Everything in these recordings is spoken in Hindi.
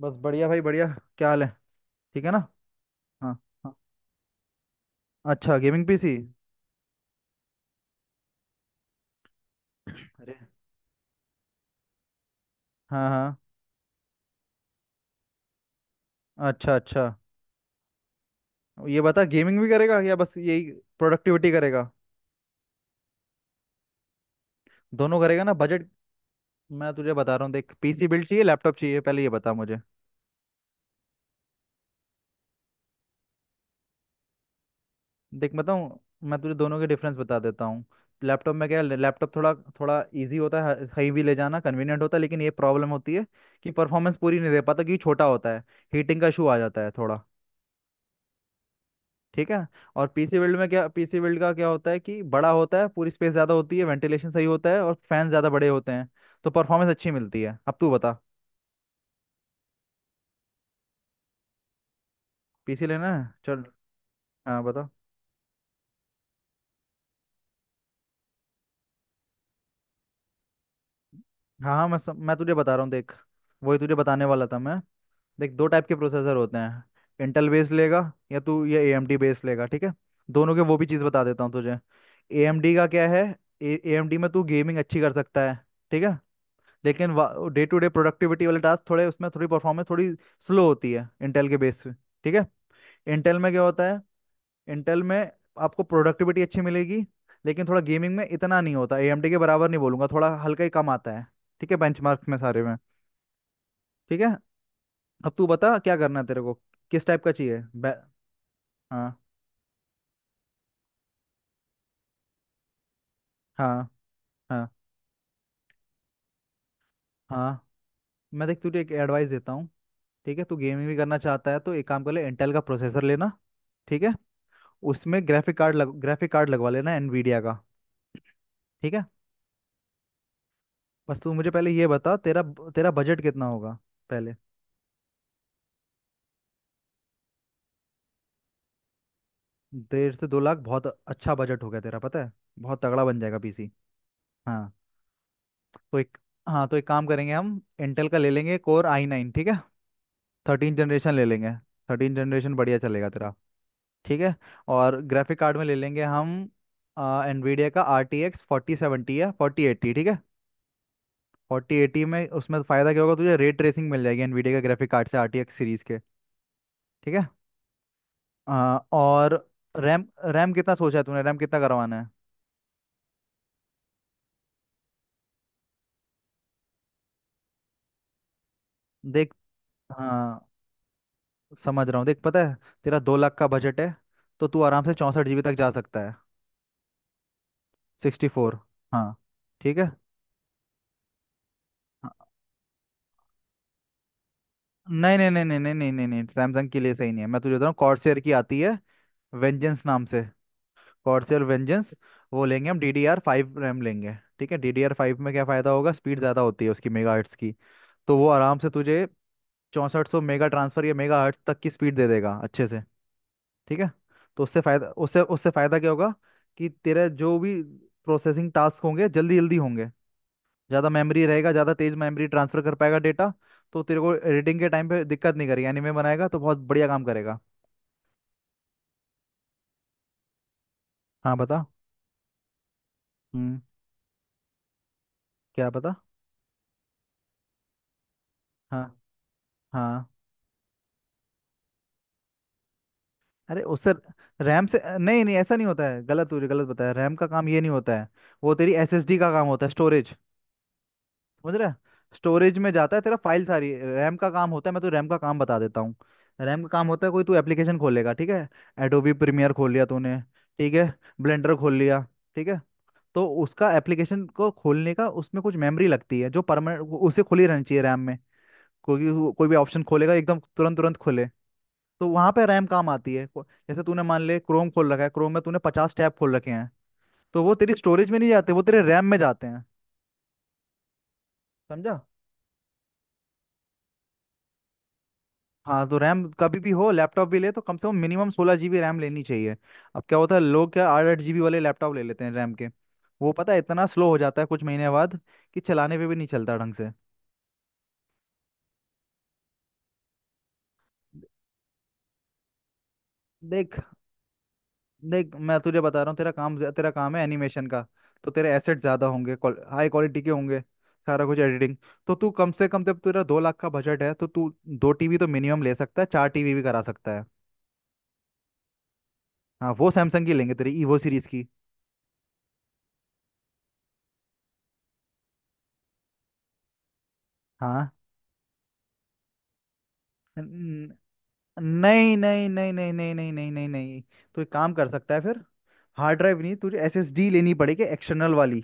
बस बढ़िया भाई बढ़िया। क्या हाल है। ठीक है ना। हाँ। हाँ। अच्छा, गेमिंग पीसी। अरे। हाँ, हाँ। अच्छा, अच्छा। ये बता गेमिंग भी करेगा या बस यही प्रोडक्टिविटी करेगा। दोनों करेगा ना, बजट? मैं तुझे बता रहा हूँ, देख, पीसी बिल्ड चाहिए, लैपटॉप चाहिए, पहले ये बता मुझे। देख, बताऊँ। मैं तुझे दोनों के डिफरेंस बता देता हूँ। लैपटॉप में क्या है, लैपटॉप थोड़ा थोड़ा इजी होता है, कहीं भी ले जाना कन्वीनियंट होता है, लेकिन ये प्रॉब्लम होती है कि परफॉर्मेंस पूरी नहीं दे पाता क्योंकि छोटा होता है। हीटिंग का इशू आ जाता है थोड़ा। ठीक है। और पीसी बिल्ड में क्या, पीसी बिल्ड का क्या होता है कि बड़ा होता है, पूरी स्पेस ज्यादा होती है, वेंटिलेशन सही होता है और फैन ज्यादा बड़े होते हैं। तो परफॉर्मेंस अच्छी मिलती है। अब तू बता। पीसी लेना है, चल। हाँ बता। हाँ, हाँ, मैं तुझे बता रहा हूँ देख। वही तुझे बताने वाला था मैं। देख, दो टाइप के प्रोसेसर होते हैं। इंटेल बेस लेगा या तू ये AMD बेस लेगा, ठीक है। दोनों के वो भी चीज़ बता देता हूँ तुझे। एएमडी का क्या है, एएमडी में तू गेमिंग अच्छी कर सकता है, ठीक है। लेकिन डे टू डे प्रोडक्टिविटी वाले टास्क थोड़े उसमें थोड़ी परफॉर्मेंस थोड़ी स्लो होती है इंटेल के बेस पे। ठीक है। इंटेल में क्या होता है, इंटेल में आपको प्रोडक्टिविटी अच्छी मिलेगी। लेकिन थोड़ा गेमिंग में इतना नहीं होता, AMD के बराबर नहीं बोलूंगा, थोड़ा हल्का ही कम आता है। ठीक है, बेंचमार्क्स में सारे में। ठीक है। अब तू बता क्या करना है तेरे को, किस टाइप का चाहिए हाँ, हाँ, हाँ, हाँ। मैं, देख, तुझे एक एडवाइस देता हूँ। ठीक है, तू गेमिंग भी करना चाहता है तो एक काम कर ले, इंटेल का प्रोसेसर लेना। ठीक है। उसमें ग्राफिक कार्ड लग ग्राफिक कार्ड लगवा लेना एनवीडिया का। ठीक है। बस तू मुझे पहले ये बता, तेरा तेरा बजट कितना होगा पहले। 1.5 से 2 लाख, बहुत अच्छा बजट हो गया तेरा, पता है। बहुत तगड़ा बन जाएगा पीसी। हाँ, तो एक हाँ तो एक काम करेंगे, हम इंटेल का ले लेंगे Core i9, ठीक है। 13 जनरेशन ले लेंगे। 13 जनरेशन बढ़िया चलेगा तेरा। ठीक है। और ग्राफिक कार्ड में ले लेंगे हम एनवीडिया का RTX 4070 या 4080, ठीक है। 4080 में, उसमें फ़ायदा क्या होगा तुझे, रे ट्रेसिंग मिल जाएगी एनवीडिया के ग्राफिक कार्ड से RTX सीरीज़ के। ठीक है। अ, और रैम रैम कितना सोचा है तूने, रैम कितना करवाना है? देख। हाँ, समझ रहा हूँ देख, पता है तेरा 2 लाख का बजट है। तो तू आराम से 64 GB तक जा सकता है। 64। हाँ, ठीक है। हाँ, नहीं नहीं नहीं नहीं नहीं नहीं नहीं नहीं, सैमसंग के लिए सही नहीं है, मैं तुझे बता रहा हूँ, कॉर्सर की आती है वेंजेंस नाम से। Corsair vengeance. वो लेंगे हम, DDR5 रैम लेंगे, ठीक है। DDR5 में क्या फ़ायदा होगा, स्पीड ज़्यादा होती है उसकी, मेगा हर्ट्स की। तो वो आराम से तुझे 6400 मेगा ट्रांसफ़र या मेगा हर्ट्स तक की स्पीड दे देगा अच्छे से। ठीक है। तो उससे फ़ायदा क्या होगा, कि तेरे जो भी प्रोसेसिंग टास्क होंगे जल्दी जल्दी होंगे। ज़्यादा मेमोरी रहेगा, ज़्यादा तेज़ मेमोरी ट्रांसफ़र कर पाएगा डेटा। तो तेरे को एडिटिंग के टाइम पे दिक्कत नहीं करेगी, एनिमे बनाएगा तो बहुत बढ़िया काम करेगा। हाँ बता। हम्म। क्या बता। हाँ, हाँ। अरे, उससे, रैम से नहीं, नहीं ऐसा नहीं होता है, गलत बताया, रैम का काम ये नहीं होता है। वो तेरी SSD का काम होता है, स्टोरेज। समझ रहा है? स्टोरेज में जाता है तेरा फाइल सारी, रैम का काम होता है, मैं तो रैम का काम बता देता हूँ। रैम का काम होता है, कोई तू एप्लीकेशन खोलेगा, ठीक है। एडोबी प्रीमियर खोल लिया तूने। ठीक है। ब्लेंडर खोल लिया। ठीक है। तो उसका एप्लीकेशन को खोलने का उसमें कुछ मेमोरी लगती है, जो परमानेंट उसे खुली रहनी चाहिए रैम में। कोई कोई भी ऑप्शन खोलेगा एकदम तुरंत तुरंत खोले। तो वहां पे रैम काम आती है जैसे तूने मान ले क्रोम खोल रखा है, क्रोम में तूने 50 टैब खोल रखे हैं। तो वो तेरी स्टोरेज में नहीं जाते, वो तेरे रैम में जाते हैं। समझा? हाँ, तो रैम कभी भी हो, लैपटॉप भी ले तो कम से कम मिनिमम 16 GB रैम लेनी चाहिए। अब क्या होता है, लोग क्या 8 8 GB वाले लैपटॉप ले लेते हैं रैम के। वो पता है इतना स्लो हो जाता है कुछ महीने बाद कि चलाने पे भी नहीं चलता ढंग से। देख, देख मैं तुझे बता रहा हूँ, तेरा काम, तेरा काम है एनिमेशन का। तो तेरे एसेट ज़्यादा होंगे। हाई क्वालिटी के होंगे। सारा कुछ एडिटिंग। तो तू कम से कम, जब तेरा 2 लाख का बजट है, तो तू 2 TB तो मिनिमम ले सकता है, 4 TB भी करा सकता है। हाँ, वो सैमसंग की लेंगे तेरी, ईवो सीरीज की। हाँ। न- नहीं नहीं नहीं नहीं नहीं नहीं नहीं नहीं नहीं। तो एक काम कर सकता है फिर। हार्ड ड्राइव नहीं, तुझे SSD लेनी पड़ेगी एक्सटर्नल वाली।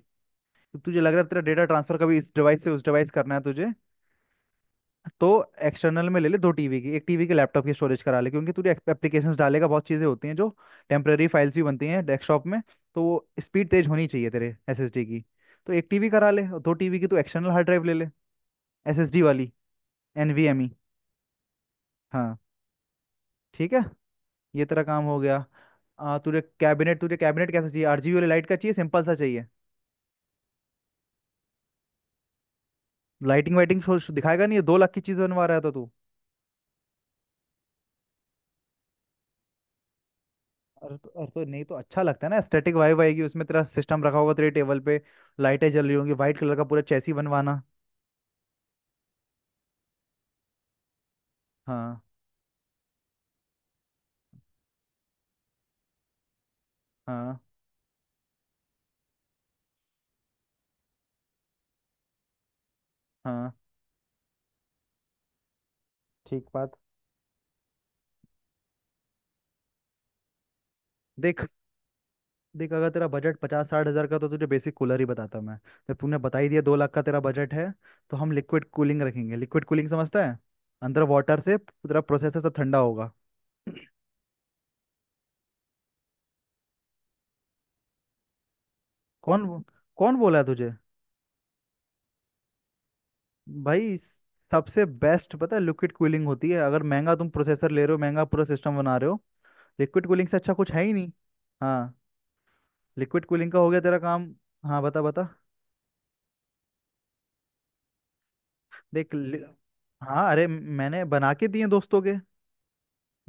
तो तुझे लग रहा है तेरा डेटा ट्रांसफर कभी इस डिवाइस से उस डिवाइस करना है तुझे। तो एक्सटर्नल में ले ले 2 TB की, 1 TB के लैपटॉप की स्टोरेज करा ले, क्योंकि तू एप्लीकेशंस डालेगा, बहुत चीज़ें होती हैं जो टेम्प्रेरी फाइल्स भी बनती हैं डेस्कटॉप में। तो वो स्पीड तेज होनी चाहिए तेरे SSD की। तो 1 TB करा ले और 2 TB की तू एक्सटर्नल हार्ड ड्राइव ले ले SSD वाली, NVMe। हाँ, ठीक है। ये तेरा काम हो गया। तुझे कैबिनेट, कैसा चाहिए, RGB वाली लाइट का चाहिए, सिंपल सा चाहिए? लाइटिंग वाइटिंग दिखाएगा नहीं? ये 2 लाख की चीज़ बनवा रहा था तू। और तो नहीं, तो अच्छा लगता है ना, स्टैटिक वाइब आएगी उसमें, तेरा सिस्टम रखा होगा तेरे टेबल पे। लाइटें जल रही होंगी, वाइट कलर का पूरा चेसी बनवाना। हाँ, हाँ, हाँ। ठीक बात। देख, देख अगर तेरा बजट 50-60 हज़ार का तो तुझे बेसिक कूलर ही बताता मैं। जब तूने बता ही दिया 2 लाख का तेरा बजट है, तो हम लिक्विड कूलिंग रखेंगे, लिक्विड कूलिंग समझता है? अंदर वाटर से तेरा प्रोसेसर सब ठंडा होगा। कौन बो- कौन बोला है तुझे? भाई, सबसे बेस्ट पता है लिक्विड कूलिंग होती है, अगर महंगा तुम प्रोसेसर ले रहे हो, महंगा पूरा सिस्टम बना रहे हो, लिक्विड कूलिंग से अच्छा कुछ है ही नहीं। हाँ। लिक्विड कूलिंग का हो गया तेरा काम। हाँ, बता, बता। देख लि... हाँ, अरे मैंने बना के दिए दोस्तों के।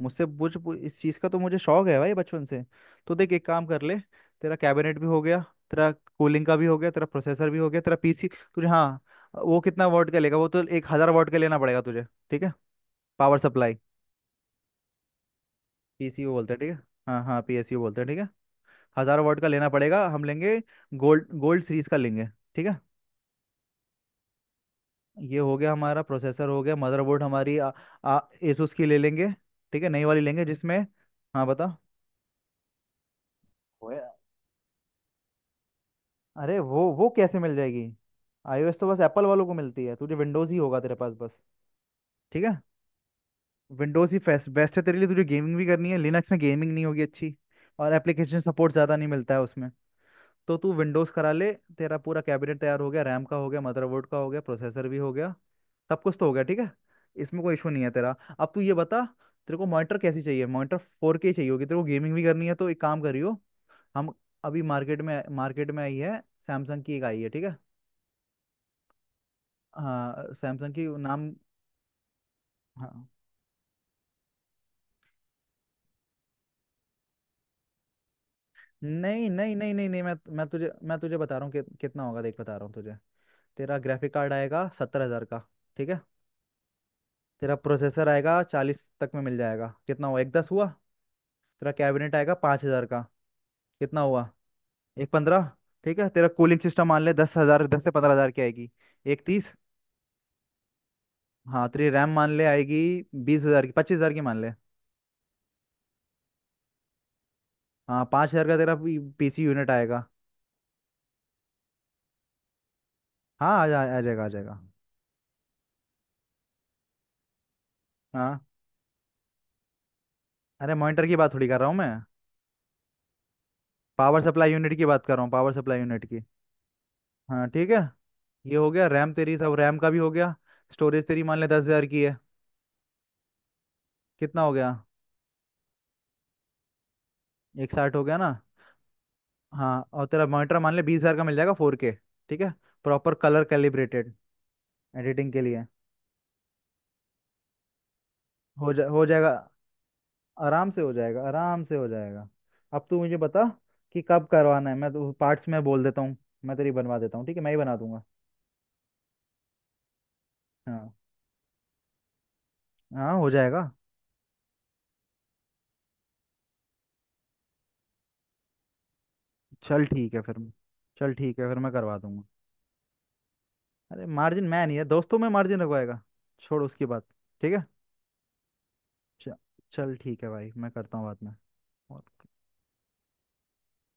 इस चीज़ का तो मुझे शौक है भाई बचपन से। तो देख, एक काम कर ले। तेरा कैबिनेट भी हो गया। तेरा कूलिंग का भी हो गया, तेरा प्रोसेसर भी हो गया, तेरा पीसी। तुझे, हाँ। वो कितना वाट का लेगा, वो तो 1000 वाट का लेना पड़ेगा तुझे। ठीक है। Power supply. पीसीयू बोलते हैं, ठीक है। हाँ हाँ, PSU बोलते हैं, ठीक है। 1000 वाट का लेना पड़ेगा, हम लेंगे। गोल्ड, गोल्ड सीरीज का लेंगे। ठीक है। ये हो गया, हमारा प्रोसेसर हो गया, मदरबोर्ड हमारी आ, आ, Asus की ले लेंगे। ठीक है, नई वाली लेंगे जिसमें। हाँ बता। वो- अरे वो कैसे मिल जाएगी। iOS तो बस एप्पल वालों को मिलती है, तुझे विंडोज़ ही होगा तेरे पास बस। ठीक है। विंडोज़ ही फेस्ट बेस्ट है तेरे लिए, तुझे गेमिंग भी करनी है, लिनक्स में गेमिंग नहीं होगी अच्छी। और एप्लीकेशन सपोर्ट ज़्यादा नहीं मिलता है उसमें। तो तू विंडोज़ करा ले। तेरा पूरा कैबिनेट तैयार हो गया, रैम का हो गया, मदरबोर्ड का हो गया, प्रोसेसर भी हो गया, सब कुछ तो हो गया, ठीक है। इसमें कोई इशू नहीं है तेरा। अब तू ये बता, तेरे को मॉनिटर कैसी चाहिए, मॉनिटर फोर के चाहिए होगी तेरे को, गेमिंग भी करनी है तो एक काम करियो। हम अभी मार्केट में आई है, सैमसंग की एक आई है, ठीक है। हाँ सैमसंग की नाम। हाँ नहीं नहीं नहीं नहीं नहीं, मैं तुझे बता रहा हूँ कितना होगा, देख बता रहा हूँ तुझे। तेरा ग्राफिक कार्ड आएगा 70 हज़ार का। ठीक है। तेरा प्रोसेसर आएगा 40 तक में मिल जाएगा, कितना हुआ, 1,10 हुआ। तेरा कैबिनेट आएगा 5 हज़ार का। कितना हुआ, 1,15। ठीक है, तेरा कूलिंग सिस्टम मान ले 10 हज़ार, 10 से 15 हज़ार की आएगी। 1,30। हाँ तेरी रैम मान ले आएगी 20 हज़ार की, 25 हज़ार की मान ले। हाँ, 5 हज़ार का तेरा पीसी यूनिट आएगा। हाँ, आ जाएगा, आ जाएगा। हाँ, अरे मॉनिटर की बात थोड़ी कर रहा हूँ मैं। पावर सप्लाई यूनिट की बात कर रहा हूँ, पावर सप्लाई यूनिट की। हाँ ठीक है। ये हो गया रैम तेरी, सब रैम का भी हो गया। स्टोरेज तेरी मान ले 10 हज़ार की है। कितना हो गया। 1,60 हो गया ना। हाँ और तेरा मॉनिटर मान ले 20 हज़ार का मिल जाएगा, फोर के। ठीक है, प्रॉपर कलर कैलिब्रेटेड, एडिटिंग के लिए। हो जाएगा, आराम से हो जाएगा, आराम से हो जाएगा। अब तू मुझे बता कि कब करवाना है, मैं तो पार्ट्स में बोल देता हूँ, मैं तेरी बनवा देता हूँ, ठीक है, मैं ही बना दूंगा। हाँ, हाँ हो जाएगा। चल ठीक है फिर। चल ठीक है फिर, मैं करवा दूंगा। अरे, मार्जिन मैं नहीं है दोस्तों में, मार्जिन रखवाएगा, छोड़ उसकी बात। ठीक है। च- चल ठीक है भाई, मैं करता हूँ बात में।